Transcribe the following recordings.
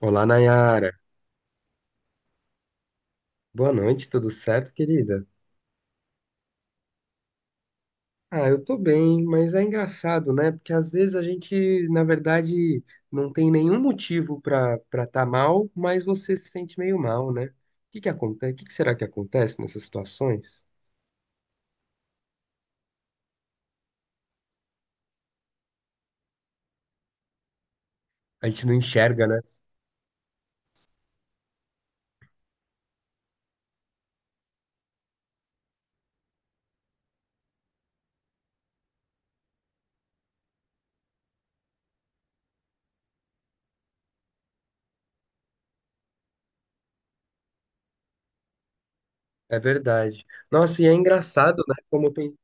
Olá, Nayara. Boa noite, tudo certo, querida? Ah, eu tô bem, mas é engraçado, né? Porque às vezes a gente, na verdade, não tem nenhum motivo pra para tá mal, mas você se sente meio mal, né? O que que acontece? O que que será que acontece nessas situações? A gente não enxerga, né? É verdade. Nossa, e é engraçado, né? Como tem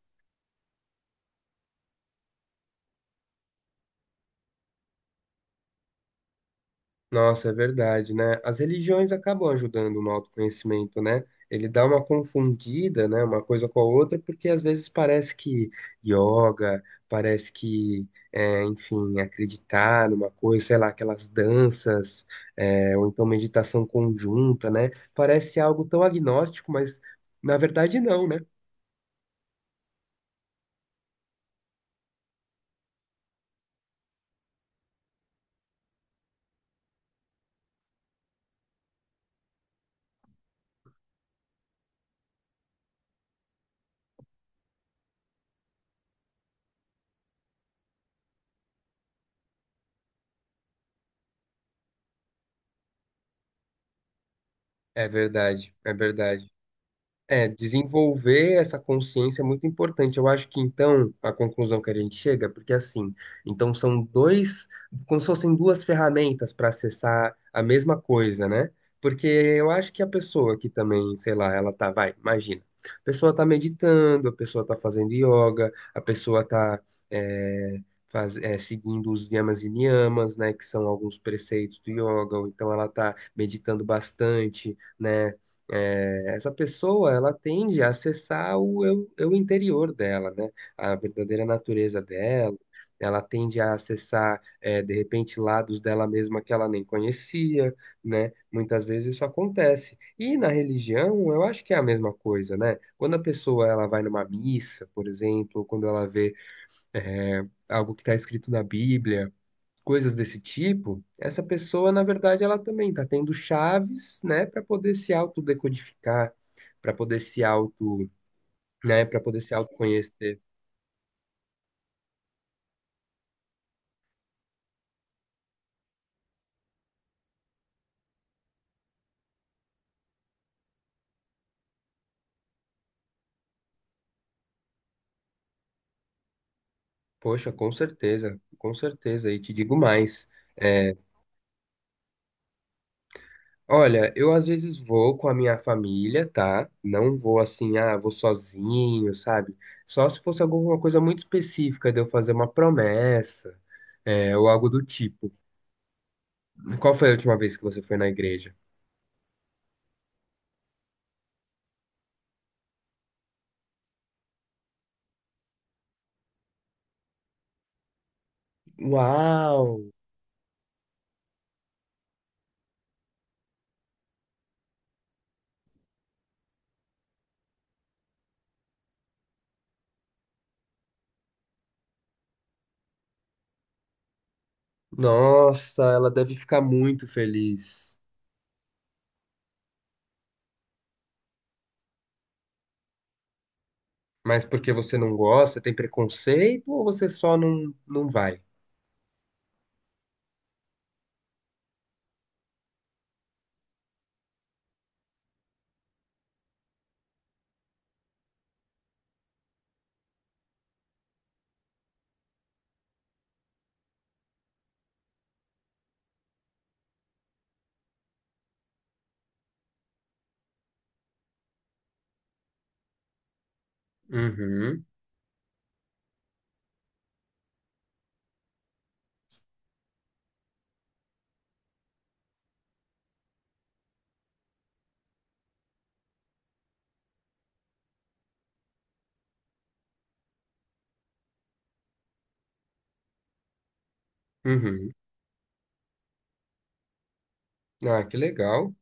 Nossa, é verdade, né? As religiões acabam ajudando no autoconhecimento, né? Ele dá uma confundida, né? Uma coisa com a outra, porque às vezes parece que yoga, parece que, enfim, acreditar numa coisa, sei lá, aquelas danças, ou então meditação conjunta, né? Parece algo tão agnóstico, mas na verdade não, né? É verdade, é verdade. É, desenvolver essa consciência é muito importante. Eu acho que então a conclusão que a gente chega, porque assim, então são dois, como se fossem duas ferramentas para acessar a mesma coisa, né? Porque eu acho que a pessoa que também, sei lá, ela tá, vai, imagina, a pessoa tá meditando, a pessoa tá fazendo yoga, a pessoa tá é, seguindo os yamas e niyamas, né, que são alguns preceitos do yoga, ou então ela tá meditando bastante, né. Essa pessoa, ela tende a acessar o eu interior dela, né? A verdadeira natureza dela. Ela tende a acessar, é, de repente, lados dela mesma que ela nem conhecia, né? Muitas vezes isso acontece. E na religião, eu acho que é a mesma coisa, né? Quando a pessoa ela vai numa missa, por exemplo, ou quando ela vê, é, algo que está escrito na Bíblia, coisas desse tipo, essa pessoa, na verdade, ela também está tendo chaves, né, para poder se autodecodificar, para poder se auto, né, para poder se autoconhecer. Poxa, com certeza, e te digo mais. É, olha, eu às vezes vou com a minha família, tá? Não vou assim, ah, vou sozinho, sabe? Só se fosse alguma coisa muito específica de eu fazer uma promessa, ou algo do tipo. Qual foi a última vez que você foi na igreja? Uau! Nossa, ela deve ficar muito feliz. Mas porque você não gosta, tem preconceito ou você só não vai? Uhum, uhum. Ah, que legal.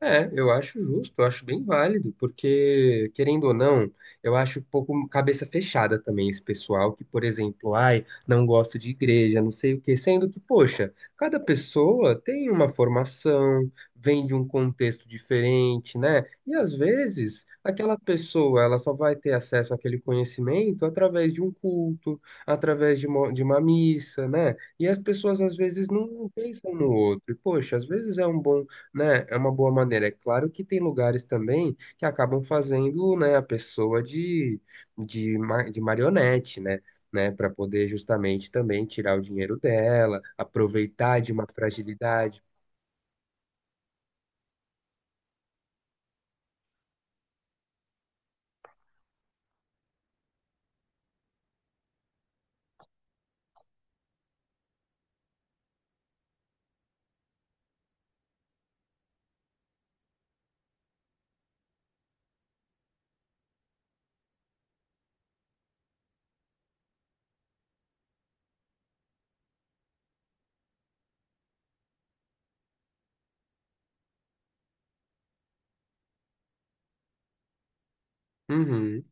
É, eu acho justo, eu acho bem válido, porque, querendo ou não, eu acho um pouco cabeça fechada também esse pessoal que, por exemplo, ai, não gosto de igreja, não sei o quê, sendo que, poxa, cada pessoa tem uma formação, vem de um contexto diferente, né? E às vezes, aquela pessoa, ela só vai ter acesso àquele conhecimento através de um culto, através de uma missa, né? E as pessoas às vezes não pensam no outro. E, poxa, às vezes é um bom, né, é uma boa maneira. É claro que tem lugares também que acabam fazendo, né, a pessoa de marionete, né, para poder justamente também tirar o dinheiro dela, aproveitar de uma fragilidade. Uhum.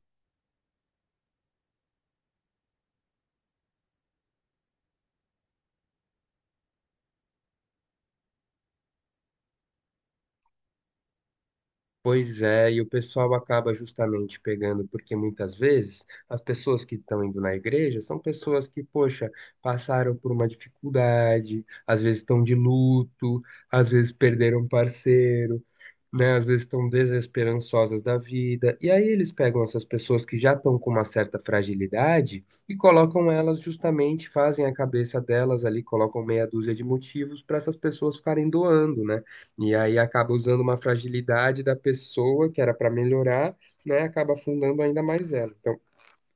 Pois é, e o pessoal acaba justamente pegando, porque muitas vezes as pessoas que estão indo na igreja são pessoas que, poxa, passaram por uma dificuldade, às vezes estão de luto, às vezes perderam um parceiro, né? Às vezes estão desesperançosas da vida. E aí eles pegam essas pessoas que já estão com uma certa fragilidade e colocam elas justamente, fazem a cabeça delas ali, colocam meia dúzia de motivos para essas pessoas ficarem doando, né? E aí acaba usando uma fragilidade da pessoa que era para melhorar, né? Acaba afundando ainda mais ela. Então,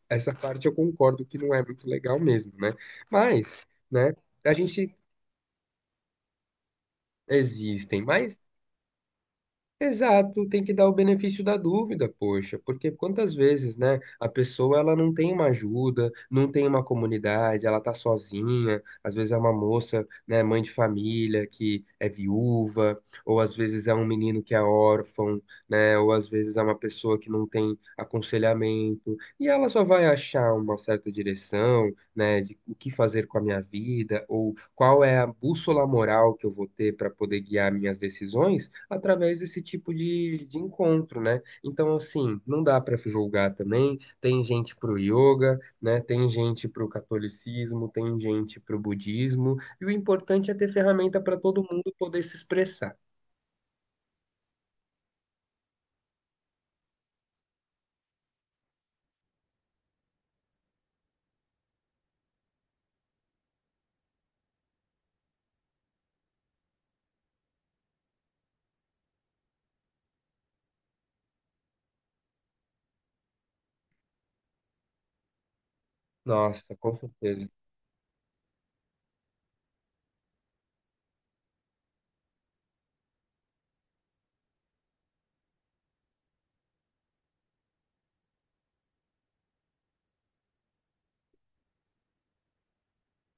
essa parte eu concordo que não é muito legal mesmo, né? Mas, né? A gente existem, mas exato, tem que dar o benefício da dúvida, poxa, porque quantas vezes, né, a pessoa ela não tem uma ajuda, não tem uma comunidade, ela tá sozinha, às vezes é uma moça, né, mãe de família que é viúva, ou às vezes é um menino que é órfão, né, ou às vezes é uma pessoa que não tem aconselhamento, e ela só vai achar uma certa direção, né, de o que fazer com a minha vida, ou qual é a bússola moral que eu vou ter para poder guiar minhas decisões através desse tipo de encontro, né? Então, assim, não dá para julgar também. Tem gente pro yoga, né? Tem gente pro catolicismo, tem gente pro budismo, e o importante é ter ferramenta para todo mundo poder se expressar. Nossa, com certeza.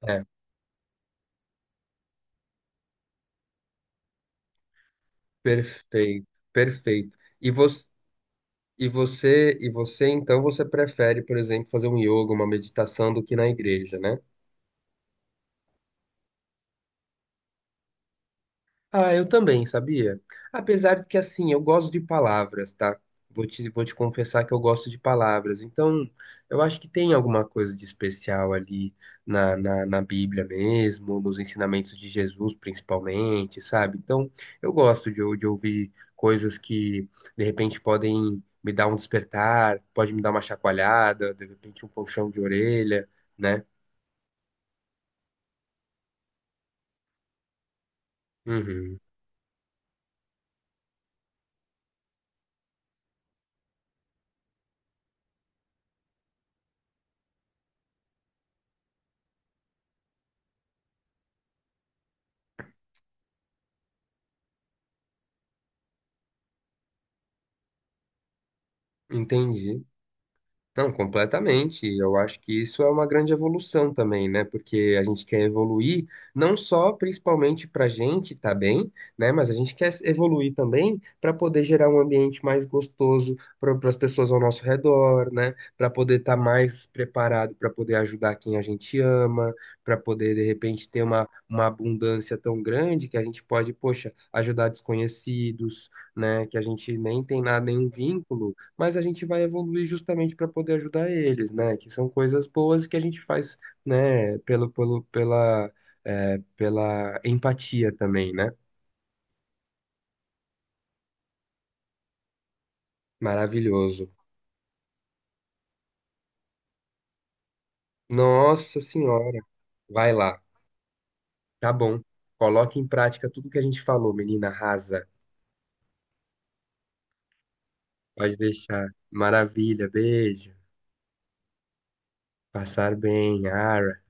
É, perfeito, perfeito. E você e você, e você, então você prefere, por exemplo, fazer um yoga, uma meditação do que na igreja, né? Ah, eu também, sabia? Apesar de que, assim, eu gosto de palavras, tá? Vou te confessar que eu gosto de palavras. Então, eu acho que tem alguma coisa de especial ali na Bíblia mesmo, nos ensinamentos de Jesus, principalmente, sabe? Então, eu gosto de ouvir coisas que, de repente, podem me dar um despertar, pode me dar uma chacoalhada, de repente, um puxão de orelha, né? Uhum, entendi. Não, completamente. Eu acho que isso é uma grande evolução também, né? Porque a gente quer evoluir não só principalmente para a gente tá bem, né? Mas a gente quer evoluir também para poder gerar um ambiente mais gostoso para as pessoas ao nosso redor, né? Para poder estar mais preparado, para poder ajudar quem a gente ama, para poder de repente ter uma abundância tão grande que a gente pode, poxa, ajudar desconhecidos, né? Que a gente nem tem nada, nenhum vínculo, mas a gente vai evoluir justamente para poder ajudar eles, né? Que são coisas boas que a gente faz, né? Pela empatia também, né? Maravilhoso. Nossa Senhora. Vai lá. Tá bom. Coloque em prática tudo que a gente falou, menina rasa. Pode deixar. Maravilha. Beijo. Passar bem. Ara.